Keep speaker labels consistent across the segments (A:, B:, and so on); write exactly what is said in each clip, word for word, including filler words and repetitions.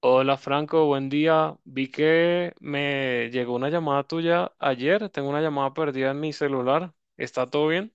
A: Hola Franco, buen día. Vi que me llegó una llamada tuya ayer. Tengo una llamada perdida en mi celular. ¿Está todo bien?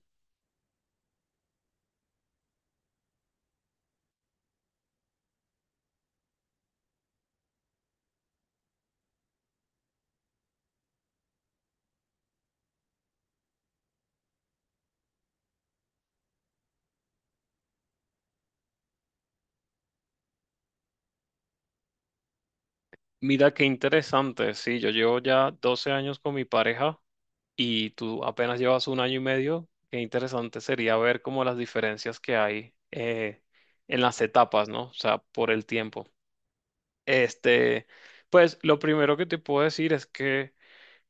A: Mira qué interesante. Sí, yo llevo ya doce años con mi pareja y tú apenas llevas un año y medio. Qué interesante sería ver como las diferencias que hay eh, en las etapas, ¿no? O sea, por el tiempo. Este, pues lo primero que te puedo decir es que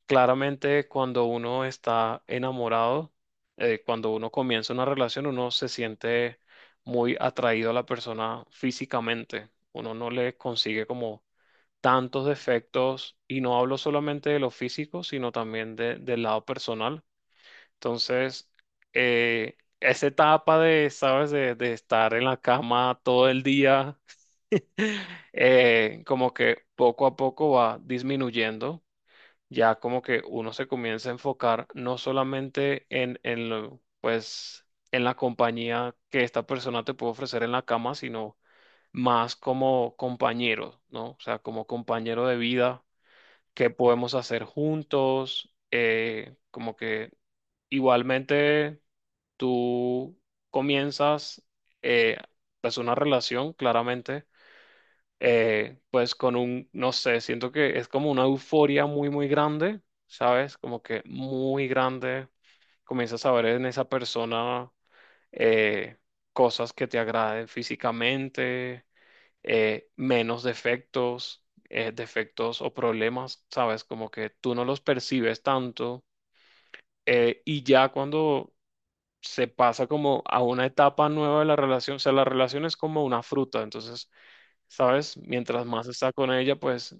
A: claramente, cuando uno está enamorado, eh, cuando uno comienza una relación, uno se siente muy atraído a la persona físicamente. Uno no le consigue como tantos defectos y no hablo solamente de lo físico, sino también de- del lado personal. Entonces, eh, esa etapa de, ¿sabes? De, de estar en la cama todo el día, eh, como que poco a poco va disminuyendo ya como que uno se comienza a enfocar no solamente en, en lo, pues, en la compañía que esta persona te puede ofrecer en la cama, sino más como compañero, ¿no? O sea, como compañero de vida, qué podemos hacer juntos, eh, como que igualmente tú comienzas, eh, pues, una relación, claramente eh, pues con un, no sé, siento que es como una euforia muy, muy grande, ¿sabes? Como que muy grande. Comienzas a ver en esa persona eh, cosas que te agraden físicamente, eh, menos defectos, eh, defectos o problemas, ¿sabes? Como que tú no los percibes tanto. Eh, y ya cuando se pasa como a una etapa nueva de la relación, o sea, la relación es como una fruta, entonces. ¿Sabes? Mientras más está con ella, pues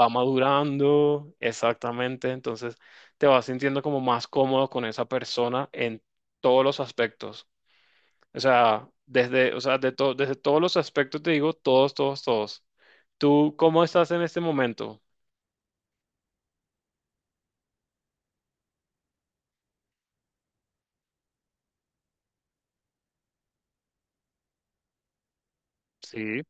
A: va madurando, exactamente, entonces te vas sintiendo como más cómodo con esa persona en todos los aspectos. O sea, desde, o sea, de to- desde todos los aspectos te digo, todos, todos, todos. ¿Tú cómo estás en este momento? Sí.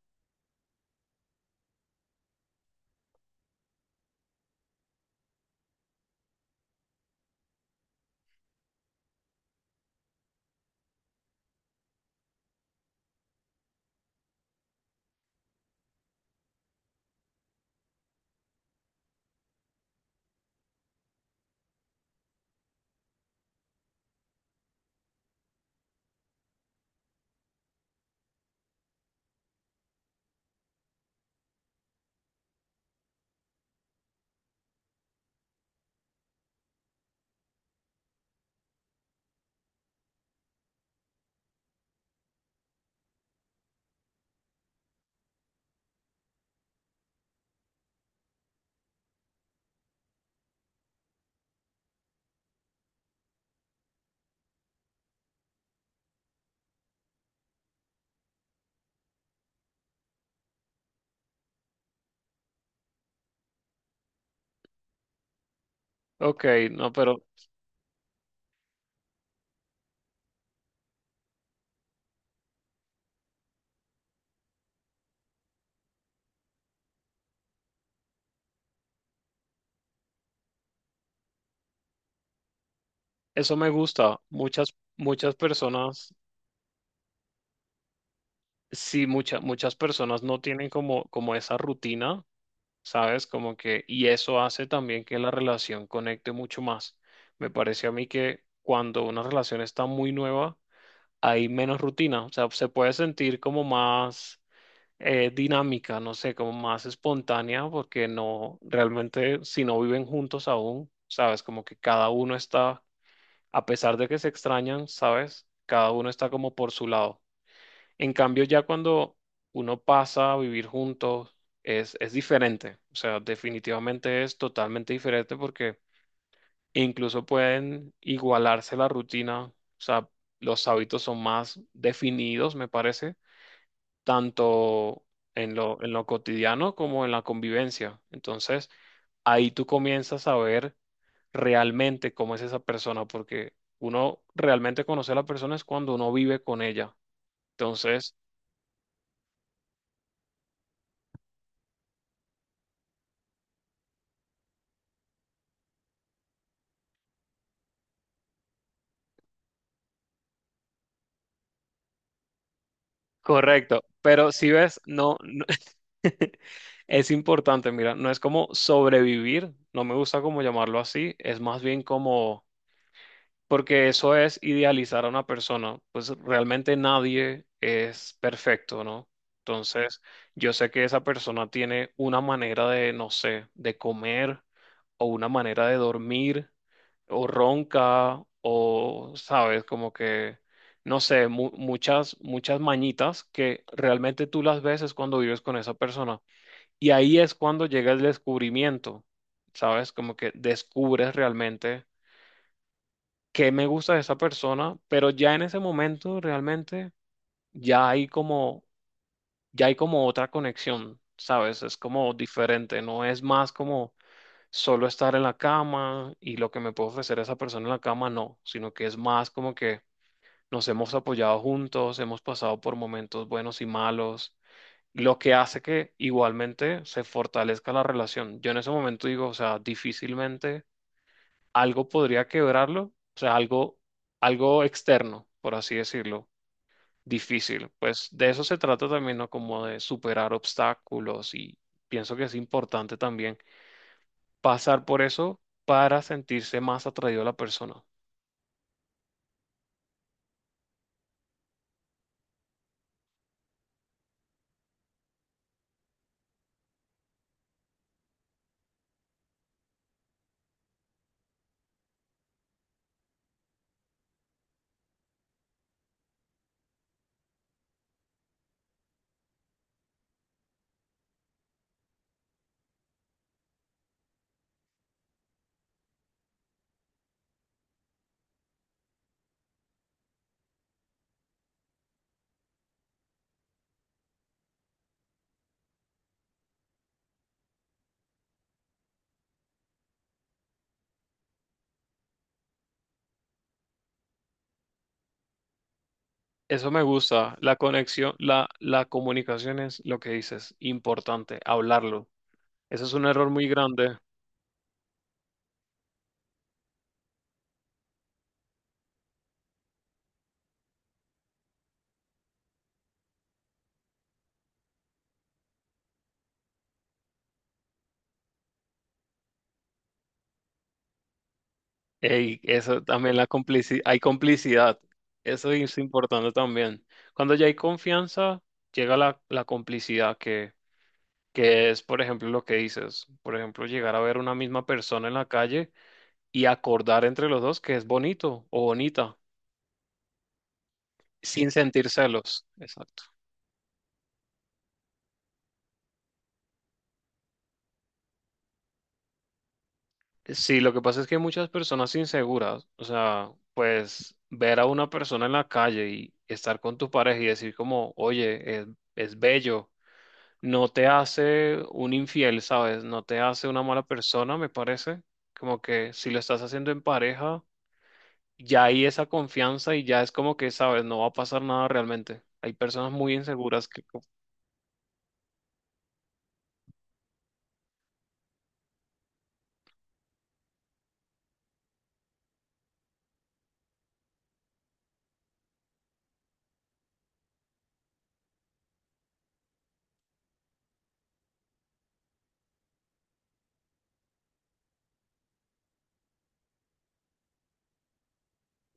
A: Ok, no, pero eso me gusta. Muchas, muchas personas, sí, muchas, muchas personas no tienen como, como, esa rutina. ¿Sabes? Como que, y eso hace también que la relación conecte mucho más. Me parece a mí que cuando una relación está muy nueva, hay menos rutina, o sea, se puede sentir como más eh, dinámica, no sé, como más espontánea, porque no, realmente si no viven juntos aún, ¿sabes? Como que cada uno está, a pesar de que se extrañan, ¿sabes? Cada uno está como por su lado. En cambio, ya cuando uno pasa a vivir juntos, es, es diferente. O sea, definitivamente es totalmente diferente porque incluso pueden igualarse la rutina. O sea, los hábitos son más definidos, me parece, tanto en lo, en lo cotidiano como en la convivencia. Entonces, ahí tú comienzas a ver realmente cómo es esa persona, porque uno realmente conoce a la persona es cuando uno vive con ella. Entonces, correcto, pero si ves, no, no- es importante, mira, no es como sobrevivir, no me gusta como llamarlo así, es más bien como porque eso es idealizar a una persona, pues realmente nadie es perfecto, ¿no? Entonces, yo sé que esa persona tiene una manera de, no sé, de comer o una manera de dormir o ronca o, sabes, como que, no sé, mu- muchas, muchas mañitas que realmente tú las ves es cuando vives con esa persona. Y ahí es cuando llega el descubrimiento, ¿sabes? Como que descubres realmente qué me gusta de esa persona, pero ya en ese momento realmente ya hay como, ya hay como otra conexión, ¿sabes? Es como diferente, no es más como solo estar en la cama y lo que me puede ofrecer esa persona en la cama, no, sino que es más como que nos hemos apoyado juntos, hemos pasado por momentos buenos y malos. Lo que hace que igualmente se fortalezca la relación. Yo en ese momento digo, o sea, difícilmente algo podría quebrarlo, o sea, algo, algo externo, por así decirlo, difícil. Pues de eso se trata también, ¿no? Como de superar obstáculos y pienso que es importante también pasar por eso para sentirse más atraído a la persona. Eso me gusta, la conexión, la, la comunicación es lo que dices, importante, hablarlo. Eso es un error muy grande. Ey, eso también la complici- hay complicidad. Eso es importante también. Cuando ya hay confianza, llega la, la complicidad que, que es, por ejemplo, lo que dices. Por ejemplo, llegar a ver una misma persona en la calle y acordar entre los dos que es bonito o bonita, sin sentir celos. Exacto. Sí, lo que pasa es que hay muchas personas inseguras, o sea, pues ver a una persona en la calle y estar con tu pareja y decir como, oye, es, es bello no te hace un infiel, ¿sabes? No te hace una mala persona, me parece. Como que si lo estás haciendo en pareja, ya hay esa confianza y ya es como que, ¿sabes? No va a pasar nada realmente. Hay personas muy inseguras que.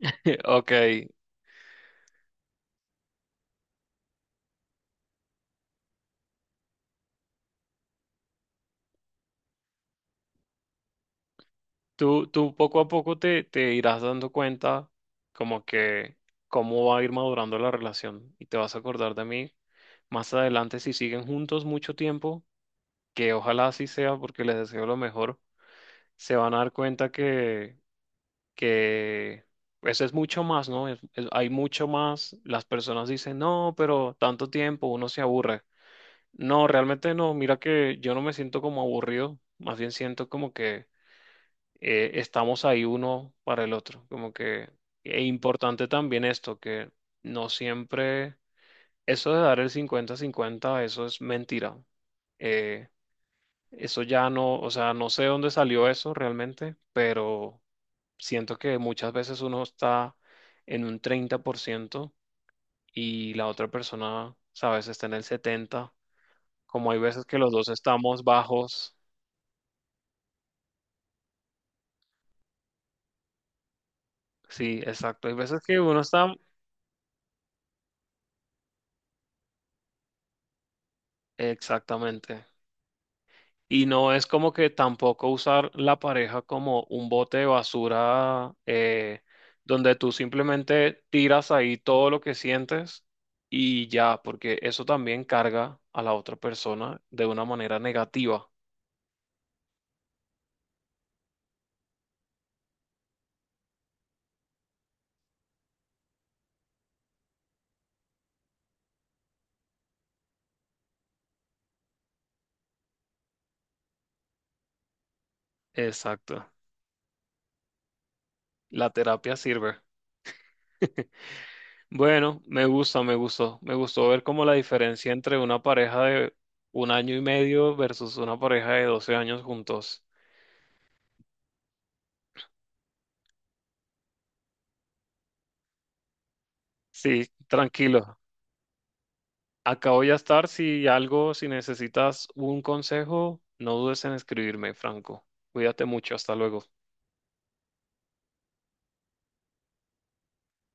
A: Ok, tú, tú poco a poco te, te irás dando cuenta como que cómo va a ir madurando la relación y te vas a acordar de mí más adelante si siguen juntos mucho tiempo, que ojalá así sea porque les deseo lo mejor, se van a dar cuenta que que pues es mucho más, ¿no? Es- es- hay mucho más. Las personas dicen, no, pero tanto tiempo uno se aburre. No, realmente no. Mira que yo no me siento como aburrido. Más bien siento como que eh, estamos ahí uno para el otro. Como que es importante también esto, que no siempre eso de dar el cincuenta a cincuenta, eso es mentira. Eh, eso ya no, o sea, no sé dónde salió eso realmente, pero siento que muchas veces uno está en un treinta por ciento y la otra persona, sabes, está en el setenta por ciento. Como hay veces que los dos estamos bajos. Sí, exacto. Hay veces que uno está. Exactamente. Y no es como que tampoco usar la pareja como un bote de basura eh, donde tú simplemente tiras ahí todo lo que sientes y ya, porque eso también carga a la otra persona de una manera negativa. Exacto. La terapia sirve. Bueno, me gusta, me gustó. Me gustó ver como la diferencia entre una pareja de un año y medio versus una pareja de doce años juntos. Sí, tranquilo. Acá voy a estar. Si algo, si necesitas un consejo, no dudes en escribirme, Franco. Cuídate mucho. Hasta luego.